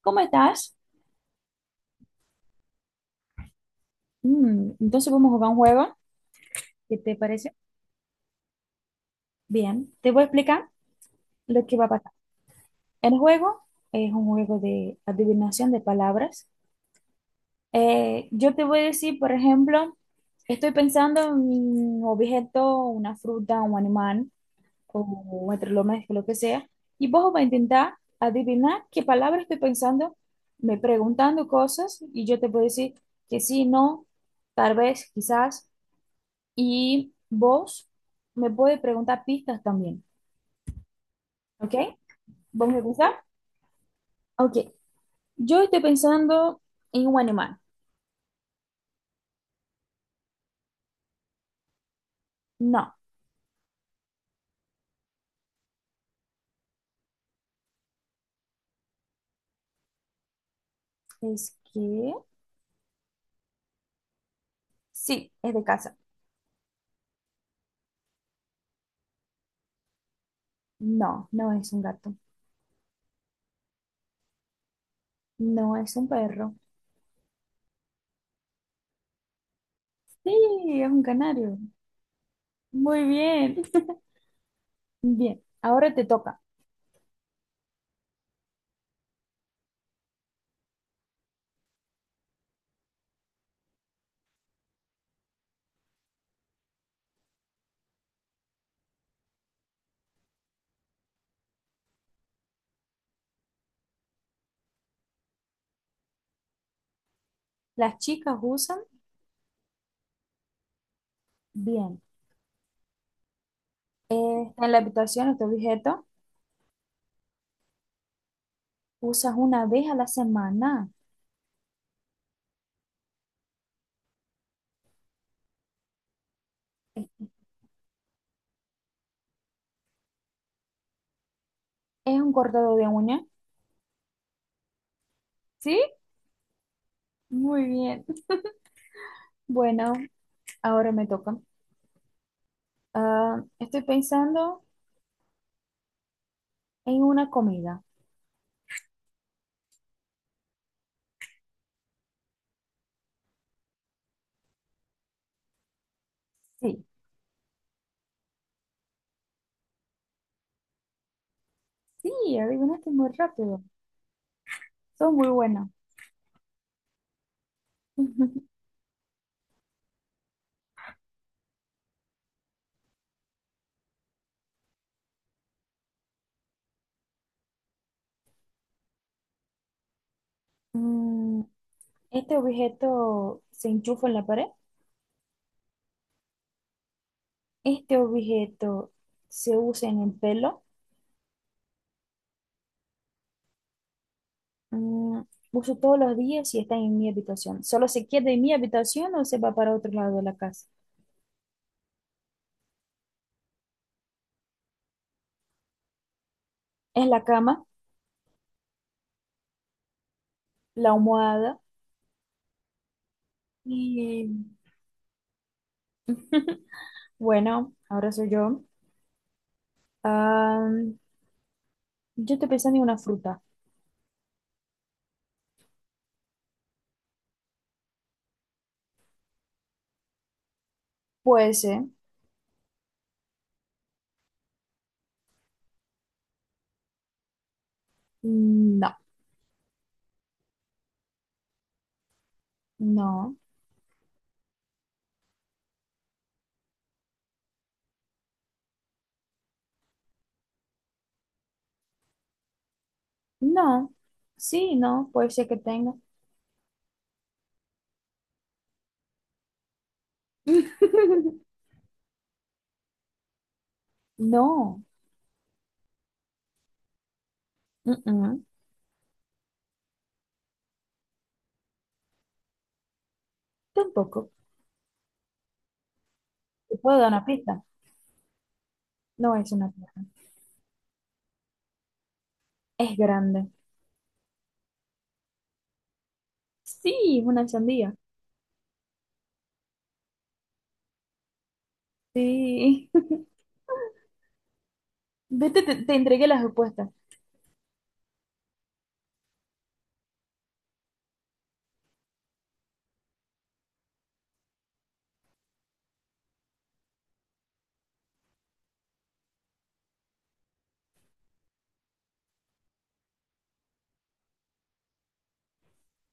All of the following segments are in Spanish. ¿Cómo estás? Mm, entonces vamos a jugar un juego. ¿Qué te parece? Bien, te voy a explicar lo que va a pasar. El juego es un juego de adivinación de palabras. Yo te voy a decir, por ejemplo, estoy pensando en un objeto, una fruta, un animal o un electrodoméstico, lo que sea, y vos vas a intentar adivinar qué palabra estoy pensando, me preguntando cosas, y yo te voy a decir que sí, no, tal vez, quizás. Y vos me puedes preguntar pistas también, ¿ok? ¿Vos me pensás? Ok, yo estoy pensando en un animal. No, es que sí, es de casa. No, no es un gato. No es un perro. Sí, es un canario. Muy bien. Bien, ahora te toca. Las chicas usan, bien, está en la habitación, este objeto, usas una vez a la semana. Es un cortador de uña. ¿Sí? Muy bien. Bueno, ahora me toca. Ah, estoy pensando en una comida. Sí, sí, adivinaste muy rápido. Son muy buenas. Mm, este objeto se enchufa en la pared. Este objeto se usa en el pelo. Mm, uso todos los días y está en mi habitación. Solo se queda en mi habitación o se va para otro lado de la casa. Es la cama, la almohada. Y bueno, ahora soy yo. Ah, yo estoy pensando en una fruta. Puede ser. Mm, no, no, no. Sí, no, puede ser que tenga. No, mm-mm, tampoco. Te puedo dar una pista. No es una pista. Es grande. Sí, es una sandía. Sí. Vete, te entregué las respuestas.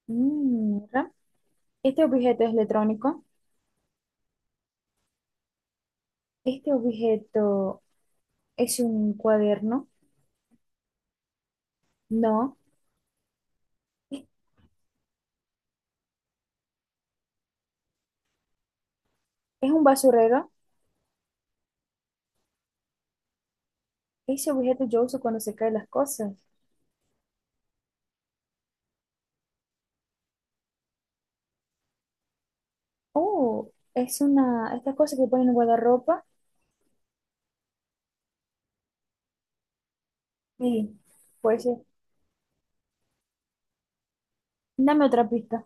Mm, mira, este objeto es electrónico. Este objeto es un cuaderno. No, es es un basurero. Ese objeto yo uso cuando se caen las cosas. Oh, es una, estas cosas que ponen en guardarropa. Sí, puede ser. Dame otra pista.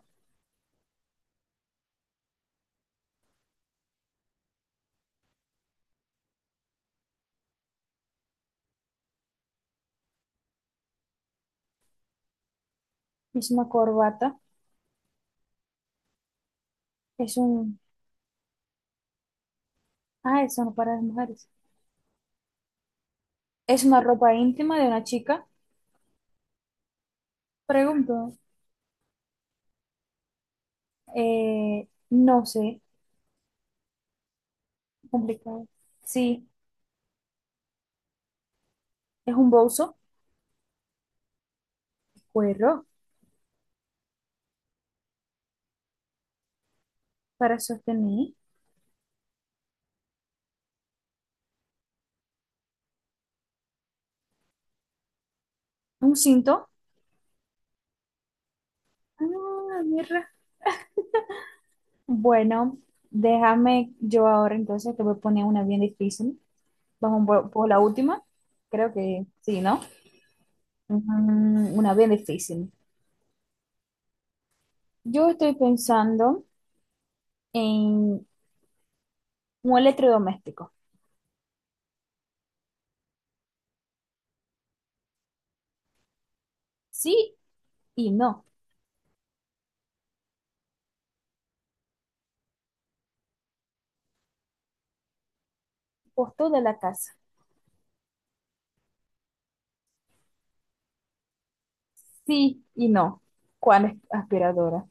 Es una corbata. Es un... Ah, eso no para las mujeres. Es una ropa íntima de una chica. Pregunto. No sé. Complicado. Sí, es un bolso. Cuero para sostener. Un cinto. Ah, mierda. Bueno, déjame yo ahora entonces te voy a poner una bien difícil. Vamos por la última. Creo que sí, ¿no? Mm, una bien difícil. Yo estoy pensando en un electrodoméstico. Sí y no. Por toda la casa. Sí y no. ¿Cuál es aspiradora?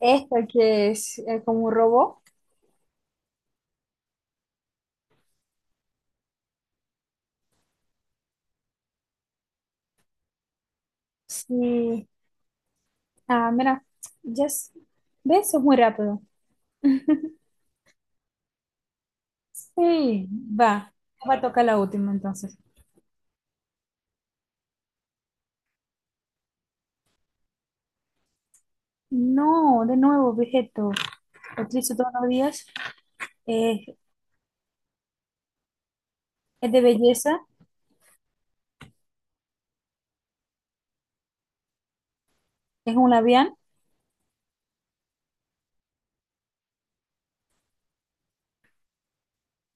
Esta que es como un robot. Sí. Ah, mira. Ya s- ¿Ves? Es muy rápido. Sí, va. Va a tocar la última entonces. No, de nuevo, objeto. Lo utilizo todos los días. Eh, es de belleza. Es un labial.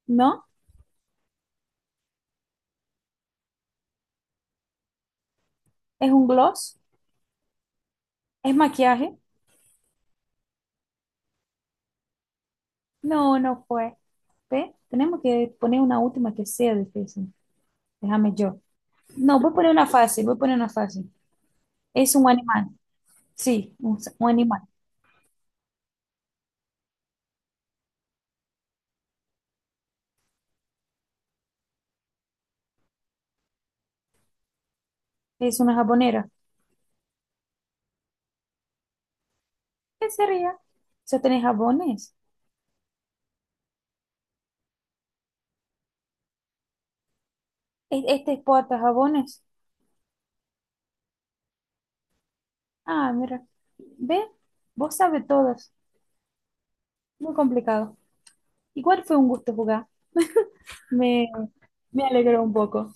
No. Es un gloss. Es maquillaje. No, no fue. ¿Ve? Tenemos que poner una última que sea difícil. Déjame yo. No, voy a poner una fácil, voy a poner una fácil. Es un animal. Sí, un animal. Es una jabonera. ¿Qué sería? ¿Se tenés jabones? ¿E- ¿Este exporta jabones? Ah, mira. ¿Ve? Vos sabes todas. Muy complicado. Igual fue un gusto jugar. Me, me alegró un poco.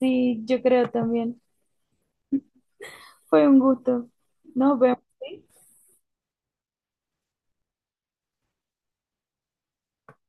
Sí, yo creo también. Fue un gusto. Nos vemos. ¿Sí?